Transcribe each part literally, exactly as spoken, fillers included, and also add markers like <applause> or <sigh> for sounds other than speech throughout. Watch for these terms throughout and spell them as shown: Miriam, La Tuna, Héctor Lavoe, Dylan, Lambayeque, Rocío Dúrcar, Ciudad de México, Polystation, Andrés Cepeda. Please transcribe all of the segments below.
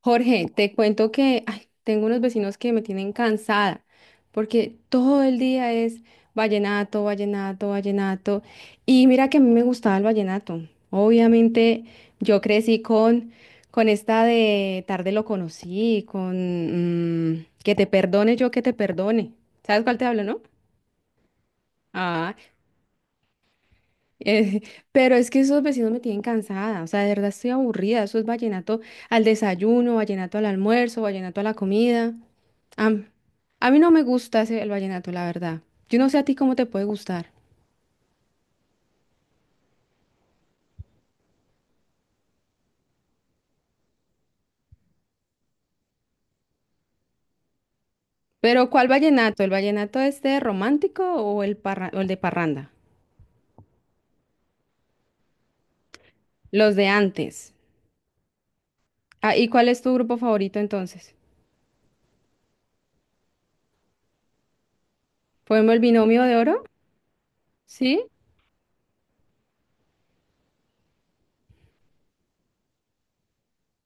Jorge, te cuento que ay, tengo unos vecinos que me tienen cansada porque todo el día es vallenato, vallenato, vallenato. Y mira que a mí me gustaba el vallenato. Obviamente yo crecí con, con esta de tarde lo conocí, con mm, que te perdone yo que te perdone. ¿Sabes cuál te hablo, no? Ah, eh, pero es que esos vecinos me tienen cansada, o sea, de verdad estoy aburrida. Eso es vallenato al desayuno, vallenato al almuerzo, vallenato a la comida. Am- a mí no me gusta ese, el vallenato, la verdad. Yo no sé a ti cómo te puede gustar. Pero ¿cuál vallenato? ¿El vallenato este romántico o el, parra- o el de parranda? Los de antes. Ah, ¿y cuál es tu grupo favorito entonces? ¿Podemos el binomio de oro? ¿Sí?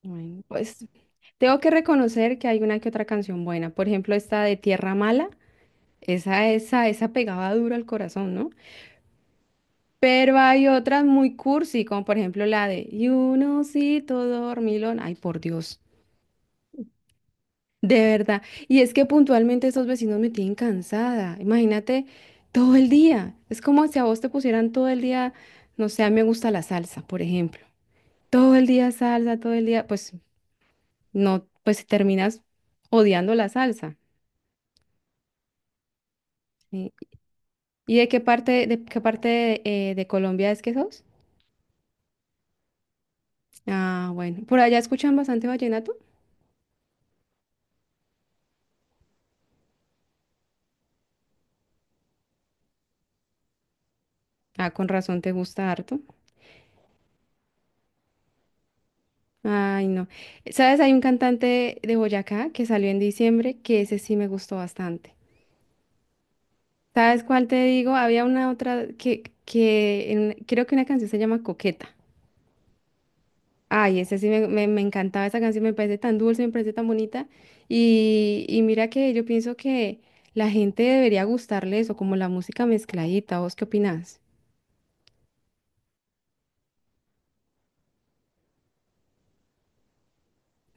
Bueno, pues tengo que reconocer que hay una que otra canción buena. Por ejemplo, esta de Tierra Mala. Esa, esa, esa pegaba duro al corazón, ¿no? Pero hay otras muy cursi, como por ejemplo la de y un osito dormilón. Ay, por Dios, de verdad. Y es que puntualmente esos vecinos me tienen cansada. Imagínate todo el día. Es como si a vos te pusieran todo el día, no sé, a mí me gusta la salsa, por ejemplo. Todo el día salsa, todo el día, pues no, pues terminas odiando la salsa. ¿Sí? ¿Y de qué parte, de qué parte eh, de Colombia es que sos? Ah, bueno. ¿Por allá escuchan bastante vallenato? Ah, con razón te gusta harto. Ay, no. ¿Sabes? Hay un cantante de Boyacá que salió en diciembre que ese sí me gustó bastante. ¿Sabes cuál te digo? Había una otra que, que en- creo que una canción se llama Coqueta. Ay, ese sí me, me- me encantaba esa canción, me parece tan dulce, me parece tan bonita. Y, y mira que yo pienso que la gente debería gustarle eso, como la música mezcladita. ¿Vos qué opinás?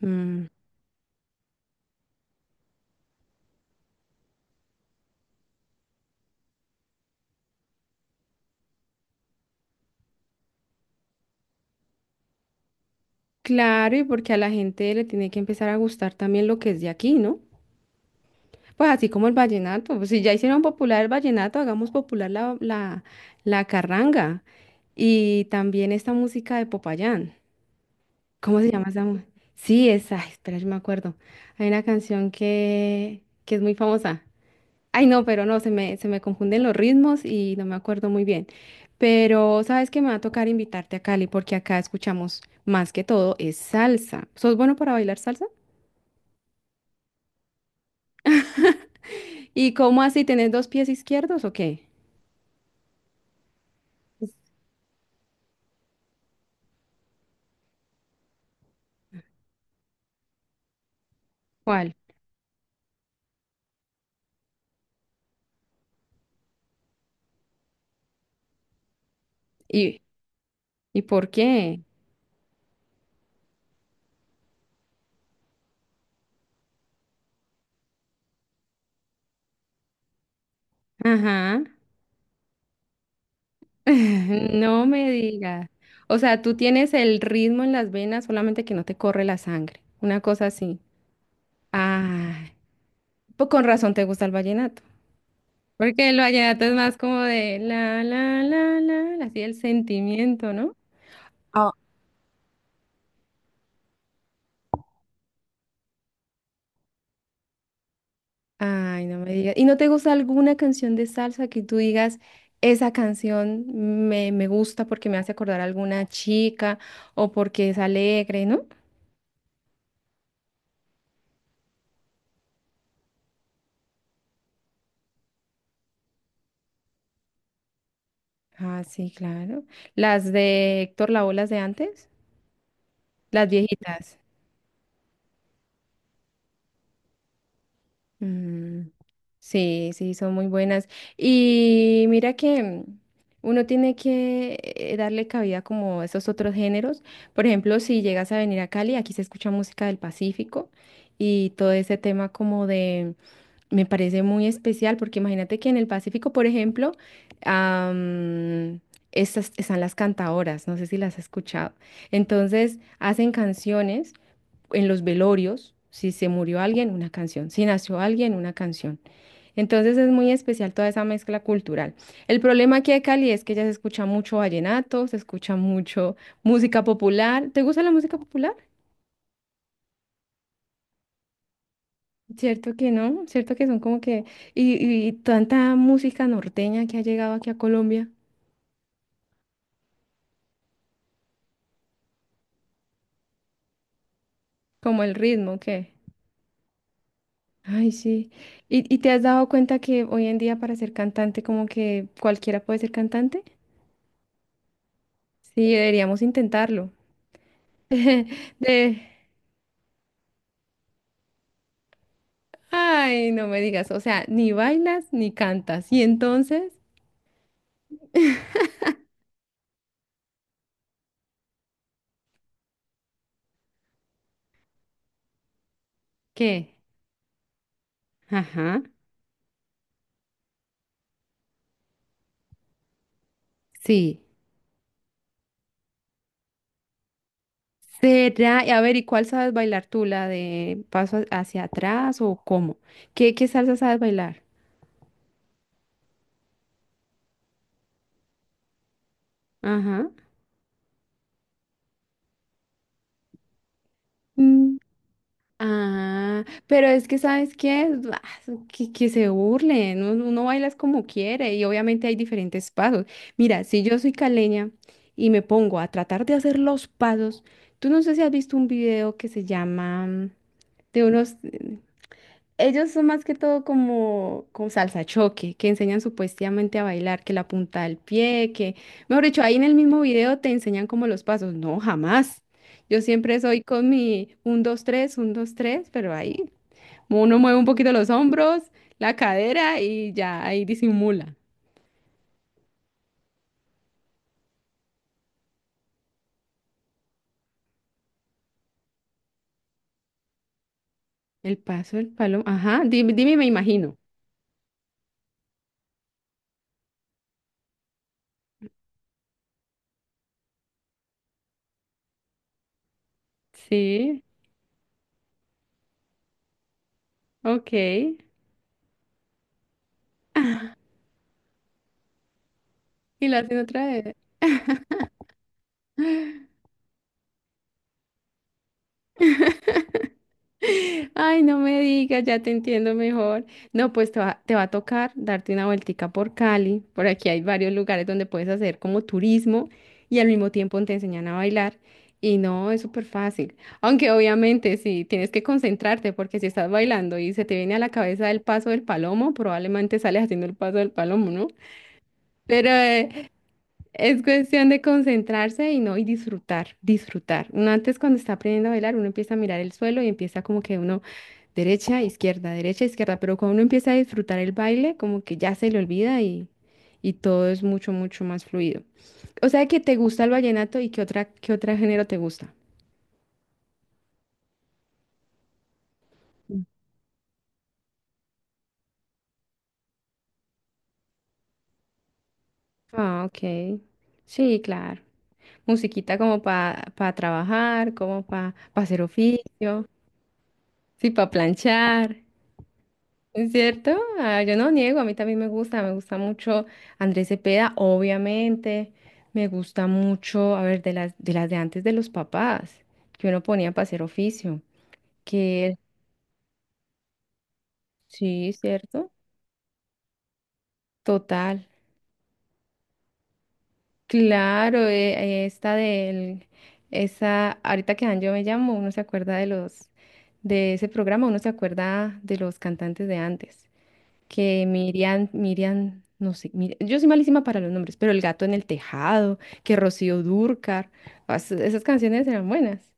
Mm. Claro, y porque a la gente le tiene que empezar a gustar también lo que es de aquí, ¿no? Pues así como el vallenato, pues si ya hicieron popular el vallenato, hagamos popular la, la, la carranga y también esta música de Popayán. ¿Cómo se llama esa? mu- Sí, esa, espera, yo me acuerdo. Hay una canción que, que es muy famosa. Ay, no, pero no, se me, se me confunden los ritmos y no me acuerdo muy bien. Pero sabes que me va a tocar invitarte a Cali porque acá escuchamos más que todo es salsa. ¿Sos bueno para bailar salsa? ¿Y cómo así? ¿Tenés dos pies izquierdos o qué? ¿Cuál? ¿Y, y por qué? Ajá. <laughs> No me digas. O sea, tú tienes el ritmo en las venas, solamente que no te corre la sangre. Una cosa así. Ah, pues con razón te gusta el vallenato. Porque el vallenato es más como de la, la, la, la, así el sentimiento, ¿no? Ay, no me digas. ¿Y no te gusta alguna canción de salsa que tú digas, esa canción me, me gusta porque me hace acordar a alguna chica o porque es alegre, ¿no? Ah, sí, claro. Las de Héctor Lavoe, las de antes, las viejitas. Mm, sí, sí, son muy buenas. Y mira que mm, uno tiene que eh, darle cabida como a esos otros géneros. Por ejemplo, si llegas a venir a Cali, aquí se escucha música del Pacífico y todo ese tema como de, me parece muy especial porque imagínate que en el Pacífico, por ejemplo, am, estas están las cantaoras, no sé si las has escuchado. Entonces, hacen canciones en los velorios, si se murió alguien, una canción, si nació alguien, una canción. Entonces es muy especial toda esa mezcla cultural. El problema aquí de Cali es que ya se escucha mucho vallenato, se escucha mucho música popular. ¿Te gusta la música popular? Cierto que no, cierto que son como que... Y, y tanta música norteña que ha llegado aquí a Colombia, como el ritmo que... Ay, sí. ¿Y, y te has dado cuenta que hoy en día para ser cantante como que cualquiera puede ser cantante? Sí, deberíamos intentarlo. De... Ay, no me digas, o sea, ni bailas ni cantas. ¿Y entonces qué? Ajá, sí. ¿Será? Y a ver, ¿y cuál sabes bailar tú? ¿La de paso ha- hacia atrás o cómo? ¿Qué, qué salsa sabes bailar? Ajá. Mm, ah, pero es que ¿sabes qué? Ah, Que, que se burlen, uno, uno baila es como quiere y obviamente hay diferentes pasos. Mira, si yo soy caleña y me pongo a tratar de hacer los pasos, tú no sé si has visto un video que se llama de unos, ellos son más que todo como, como salsa choque, que enseñan supuestamente a bailar, que la punta del pie, que, mejor dicho, ahí en el mismo video te enseñan como los pasos. No, jamás. Yo siempre soy con mi un dos tres un dos tres pero ahí uno mueve un poquito los hombros, la cadera y ya ahí disimula. El paso, el palo, ajá, dime, dime, me imagino. Sí, ok. <laughs> Y lo hacen otra vez. Ay, no me digas, ya te entiendo mejor. No, pues te va, te va a tocar darte una vueltica por Cali. Por aquí hay varios lugares donde puedes hacer como turismo y al mismo tiempo te enseñan a bailar. Y no, es súper fácil. Aunque obviamente sí, tienes que concentrarte porque si estás bailando y se te viene a la cabeza el paso del palomo, probablemente sales haciendo el paso del palomo, ¿no? Pero eh, es cuestión de concentrarse y no, y disfrutar, disfrutar. Uno antes cuando está aprendiendo a bailar, uno empieza a mirar el suelo y empieza como que uno... Derecha, izquierda, derecha, izquierda, pero cuando uno empieza a disfrutar el baile, como que ya se le olvida y, y todo es mucho, mucho más fluido. O sea que te gusta el vallenato y qué otra, qué otro género te gusta. Ah, ok. Sí, claro. Musiquita como para trabajar, como para hacer oficio, sí, para planchar. ¿Es cierto? Ah, yo no niego, a mí también me gusta, me gusta mucho Andrés Cepeda, obviamente, me gusta mucho, a ver, de las de las de antes de los papás, que uno ponía para hacer oficio, que sí, ¿cierto? Total, claro, eh, eh, esta del, esa, ahorita que dan yo me llamo, uno se acuerda de los, de ese programa, uno se acuerda de los cantantes de antes. Que Miriam, Miriam, no sé, Mir- yo soy malísima para los nombres, pero El gato en el tejado, que Rocío Dúrcar, as- esas canciones eran buenas.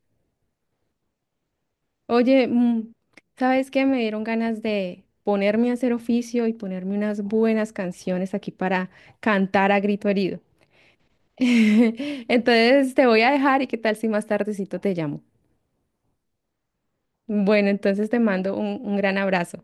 Oye, mm, ¿sabes qué? Me dieron ganas de ponerme a hacer oficio y ponerme unas buenas canciones aquí para cantar a grito herido. <laughs> Entonces te voy a dejar y qué tal si más tardecito te llamo. Bueno, entonces te mando un un gran abrazo.